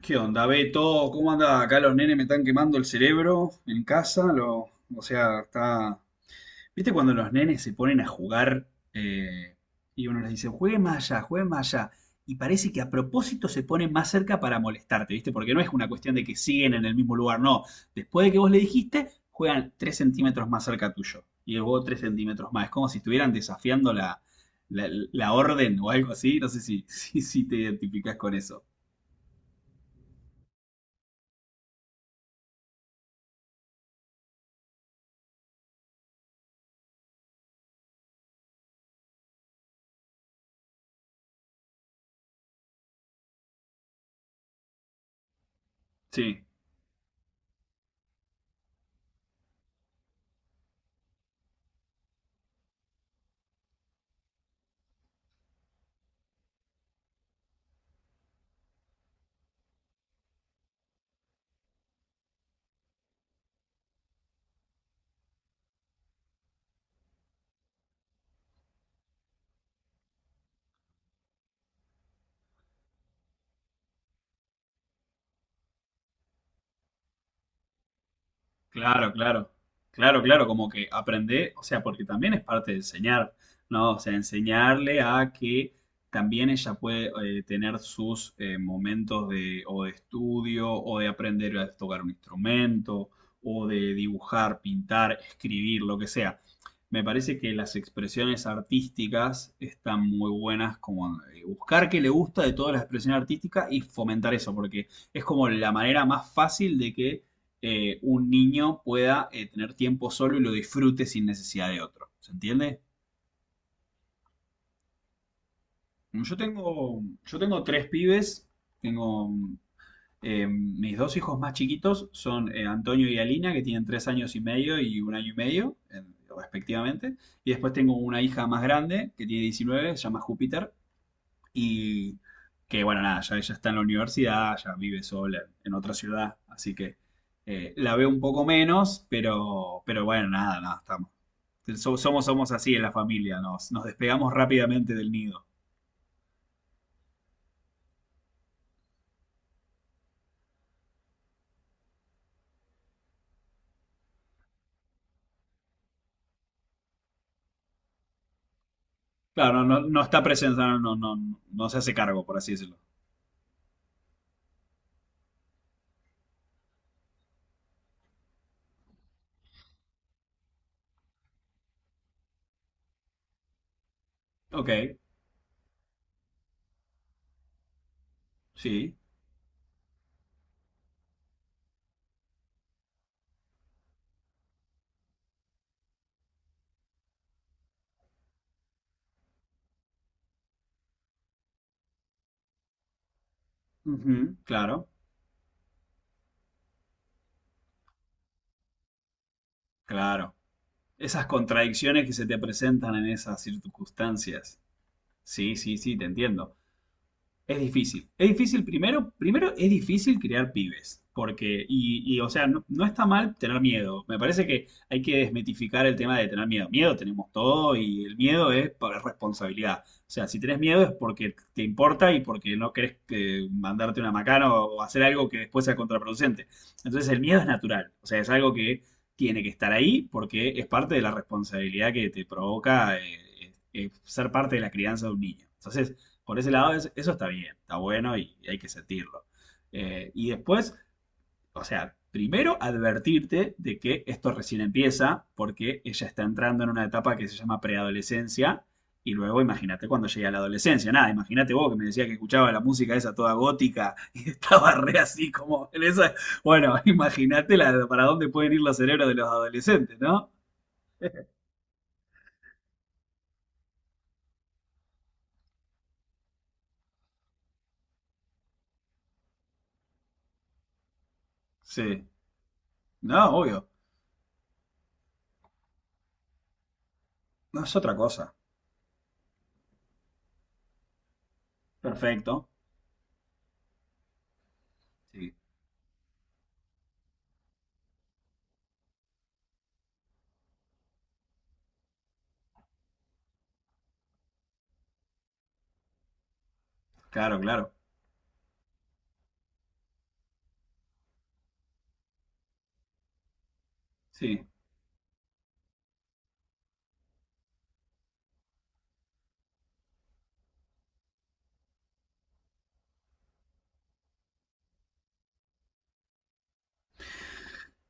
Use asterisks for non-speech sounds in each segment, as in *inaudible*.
¿Qué onda, Beto? ¿Cómo anda? Acá los nenes me están quemando el cerebro en casa. Lo, o sea, está. ¿Viste cuando los nenes se ponen a jugar eh, y uno les dice, jueguen más allá, jueguen más allá? Y parece que a propósito se ponen más cerca para molestarte, ¿viste? Porque no es una cuestión de que siguen en el mismo lugar, no. Después de que vos le dijiste, juegan 3 centímetros más cerca tuyo. Y luego 3 centímetros más. Es como si estuvieran desafiando la orden o algo así. No sé si, *laughs* si te identificás con eso. Sí. Claro, claro, claro, claro, como que aprender, o sea, porque también es parte de enseñar, ¿no? O sea, enseñarle a que también ella puede tener sus momentos de, o de estudio, o de aprender a tocar un instrumento, o de dibujar, pintar, escribir, lo que sea. Me parece que las expresiones artísticas están muy buenas, como buscar qué le gusta de todas las expresiones artísticas y fomentar eso, porque es como la manera más fácil de que un niño pueda tener tiempo solo y lo disfrute sin necesidad de otro. ¿Se entiende? Yo tengo tres pibes, tengo mis dos hijos más chiquitos son Antonio y Alina, que tienen 3 años y medio y un año y medio, respectivamente. Y después tengo una hija más grande, que tiene 19. Se llama Júpiter. Y, que bueno, nada, ya ella está en la universidad, ya vive sola en otra ciudad, así que la veo un poco menos, pero bueno, nada, nada, estamos. Somos así en la familia, nos despegamos rápidamente del nido. Claro, no, no, no está presente, no, no, no, no se hace cargo, por así decirlo. Ok, sí, ujú, claro, claro. Esas contradicciones que se te presentan en esas circunstancias. Sí, sí, sí, te entiendo. Es difícil. Es difícil primero es difícil crear pibes, porque, y, o sea, no, no está mal tener miedo. Me parece que hay que desmitificar el tema de tener miedo. Miedo tenemos todo y el miedo es por responsabilidad. O sea, si tenés miedo es porque te importa y porque no querés que mandarte una macana o hacer algo que después sea contraproducente. Entonces el miedo es natural, o sea, es algo que tiene que estar ahí porque es parte de la responsabilidad que te provoca ser parte de la crianza de un niño. Entonces, por ese lado eso está bien, está bueno y hay que sentirlo. Y después, o sea, primero advertirte de que esto recién empieza porque ella está entrando en una etapa que se llama preadolescencia y luego imagínate cuando llegue a la adolescencia. Nada, imagínate vos que me decías que escuchaba la música esa toda gótica y *laughs* estaba re así como en esa... Bueno, *laughs* imagínate para dónde pueden ir los cerebros de los adolescentes, ¿no? Sí, no, obvio, no es otra cosa. Perfecto. Sí, claro, claro. Sí.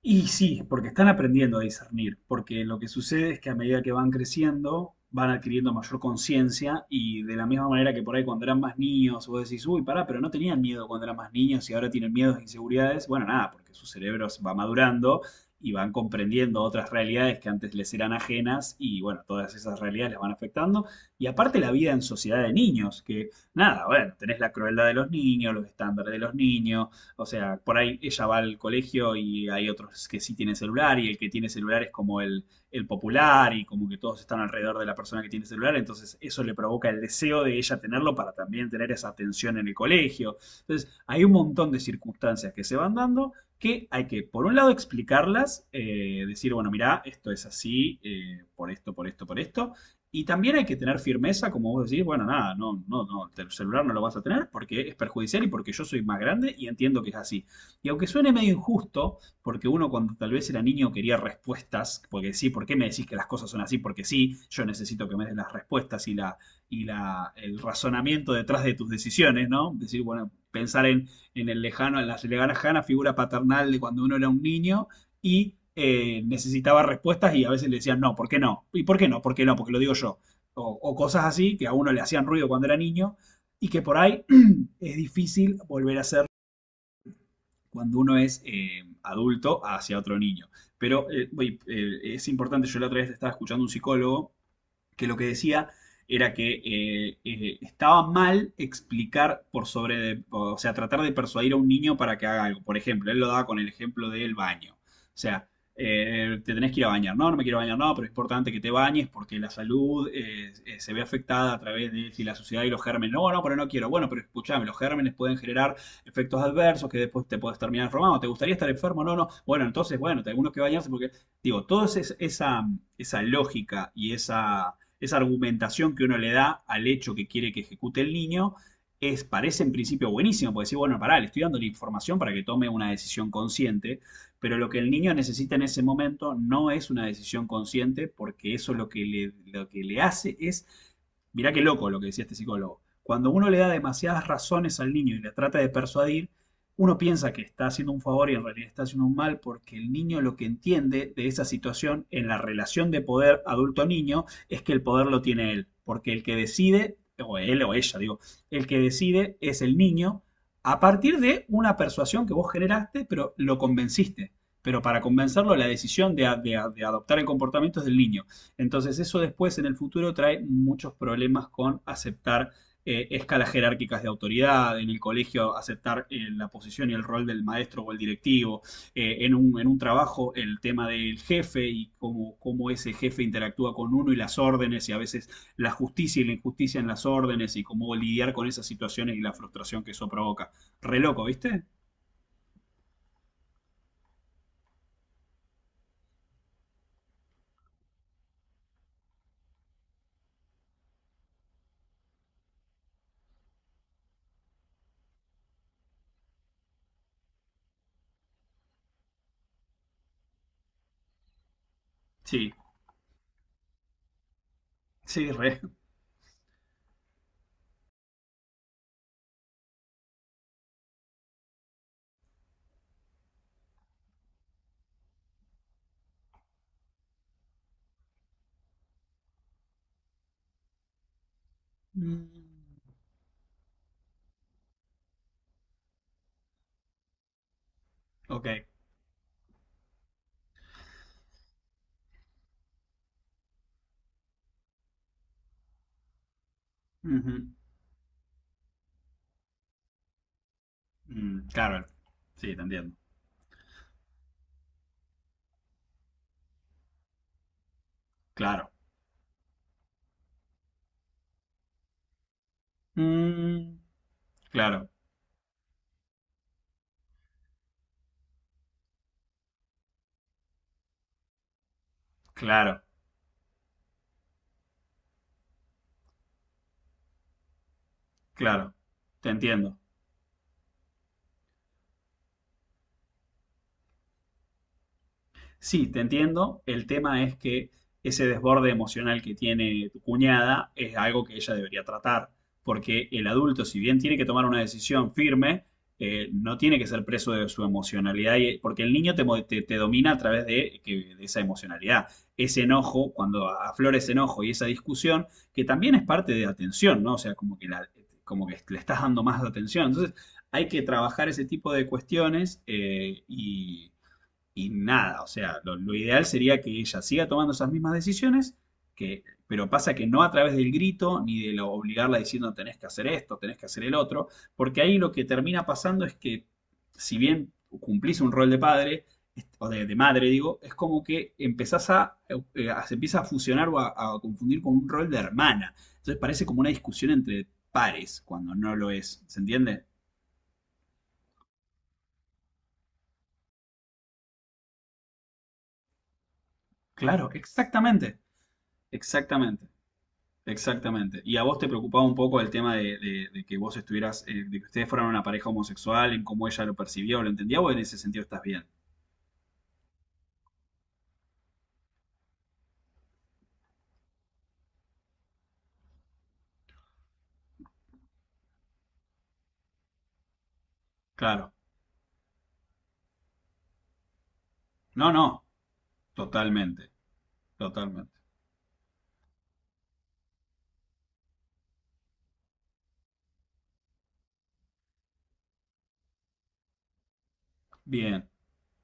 Y sí, porque están aprendiendo a discernir, porque lo que sucede es que a medida que van creciendo, van adquiriendo mayor conciencia y de la misma manera que por ahí cuando eran más niños, vos decís, uy, pará, pero no tenían miedo cuando eran más niños y ahora tienen miedos e inseguridades, bueno, nada, porque su cerebro va madurando y van comprendiendo otras realidades que antes les eran ajenas y bueno, todas esas realidades les van afectando. Y aparte la vida en sociedad de niños, que nada, bueno, tenés la crueldad de los niños, los estándares de los niños, o sea, por ahí ella va al colegio y hay otros que sí tienen celular y el que tiene celular es como el popular y como que todos están alrededor de la persona que tiene celular, entonces eso le provoca el deseo de ella tenerlo para también tener esa atención en el colegio. Entonces, hay un montón de circunstancias que se van dando que hay que, por un lado, explicarlas, decir, bueno, mirá, esto es así, por esto, por esto, por esto, y también hay que tener firmeza, como vos decís, bueno, nada, no, no, no, el celular no lo vas a tener porque es perjudicial y porque yo soy más grande y entiendo que es así. Y aunque suene medio injusto, porque uno cuando tal vez era niño quería respuestas, porque sí, ¿por qué me decís que las cosas son así? Porque sí, yo necesito que me des las respuestas y el razonamiento detrás de tus decisiones, ¿no? Decir, bueno, pensar en en la lejana figura paternal de cuando uno era un niño y necesitaba respuestas y a veces le decían, no, ¿por qué no? ¿Y por qué no? ¿Por qué no? Porque lo digo yo. O cosas así que a uno le hacían ruido cuando era niño y que por ahí *clears throat* *coughs* es difícil volver a hacer cuando uno es adulto hacia otro niño. Pero es importante, yo la otra vez estaba escuchando un psicólogo que lo que decía era que estaba mal explicar por sobre, o sea, tratar de persuadir a un niño para que haga algo. Por ejemplo, él lo daba con el ejemplo del baño. O sea, te tenés que ir a bañar. No, no me quiero bañar, no, pero es importante que te bañes porque la salud se ve afectada a través de si la suciedad y los gérmenes. No, no, pero no quiero. Bueno, pero escuchame, los gérmenes pueden generar efectos adversos que después te puedes terminar enfermando. ¿Te gustaría estar enfermo? No, no. Bueno, entonces, bueno, tenemos que bañarse porque, digo, toda esa, esa lógica y esa argumentación que uno le da al hecho que quiere que ejecute el niño, es, parece en principio buenísimo, porque decir, bueno, pará, le estoy dando la información para que tome una decisión consciente, pero lo que el niño necesita en ese momento no es una decisión consciente, porque eso lo que le hace es, mirá qué loco lo que decía este psicólogo, cuando uno le da demasiadas razones al niño y le trata de persuadir, uno piensa que está haciendo un favor y en realidad está haciendo un mal porque el niño lo que entiende de esa situación en la relación de poder adulto-niño es que el poder lo tiene él, porque el que decide, o él o ella, digo, el que decide es el niño a partir de una persuasión que vos generaste, pero lo convenciste. Pero para convencerlo, la decisión de adoptar el comportamiento es del niño. Entonces, eso después en el futuro trae muchos problemas con aceptar escalas jerárquicas de autoridad, en el colegio aceptar la posición y el rol del maestro o el directivo, en un trabajo el tema del jefe y cómo, ese jefe interactúa con uno y las órdenes y a veces la justicia y la injusticia en las órdenes y cómo lidiar con esas situaciones y la frustración que eso provoca. Re loco, ¿viste? Sí, sí, re. Mm. Ok. Uh -huh. Mm, claro, sí, te entiendo. Claro. Mm, claro, claro, claro. Te entiendo. Sí, te entiendo. El tema es que ese desborde emocional que tiene tu cuñada es algo que ella debería tratar, porque el adulto, si bien tiene que tomar una decisión firme, no tiene que ser preso de su emocionalidad, porque el niño te domina a través de esa emocionalidad. Ese enojo, cuando aflora ese enojo y esa discusión, que también es parte de atención, ¿no? O sea, como que le estás dando más atención. Entonces, hay que trabajar ese tipo de cuestiones y nada, o sea, lo ideal sería que ella siga tomando esas mismas decisiones, pero pasa que no a través del grito ni de lo, obligarla diciendo tenés que hacer esto, tenés que hacer el otro, porque ahí lo que termina pasando es que si bien cumplís un rol de padre, o de madre digo, es como que empezás se empieza a fusionar o a confundir con un rol de hermana. Entonces parece como una discusión entre pares cuando no lo es, ¿se entiende? Claro, exactamente, exactamente. Exactamente. ¿Y a vos te preocupaba un poco el tema de que vos estuvieras, de que ustedes fueran una pareja homosexual, en cómo ella lo percibía o lo entendía, o en ese sentido estás bien? Claro. No, no, totalmente, totalmente. Bien.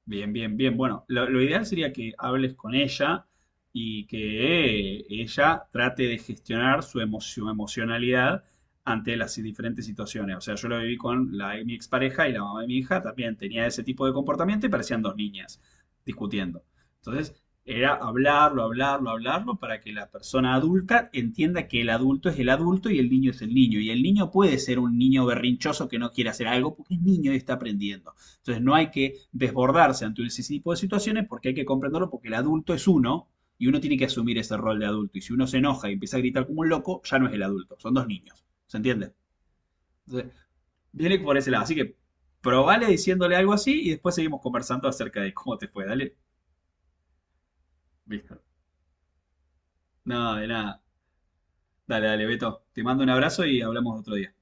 Bien, bien, bien. Bueno, lo ideal sería que hables con ella y que ella trate de gestionar su emocionalidad ante las diferentes situaciones. O sea, yo lo viví con mi expareja y la mamá de mi hija, también tenía ese tipo de comportamiento y parecían dos niñas discutiendo. Entonces, era hablarlo, hablarlo, hablarlo para que la persona adulta entienda que el adulto es el adulto y el niño es el niño. Y el niño puede ser un niño berrinchoso que no quiere hacer algo porque es niño y está aprendiendo. Entonces no hay que desbordarse ante ese tipo de situaciones porque hay que comprenderlo porque el adulto es uno y uno tiene que asumir ese rol de adulto. Y si uno se enoja y empieza a gritar como un loco, ya no es el adulto, son dos niños. ¿Se entiende? Entonces, viene por ese lado. Así que probale diciéndole algo así y después seguimos conversando acerca de cómo te fue. Dale, Víctor. No, de nada. Dale, dale, Beto. Te mando un abrazo y hablamos otro día.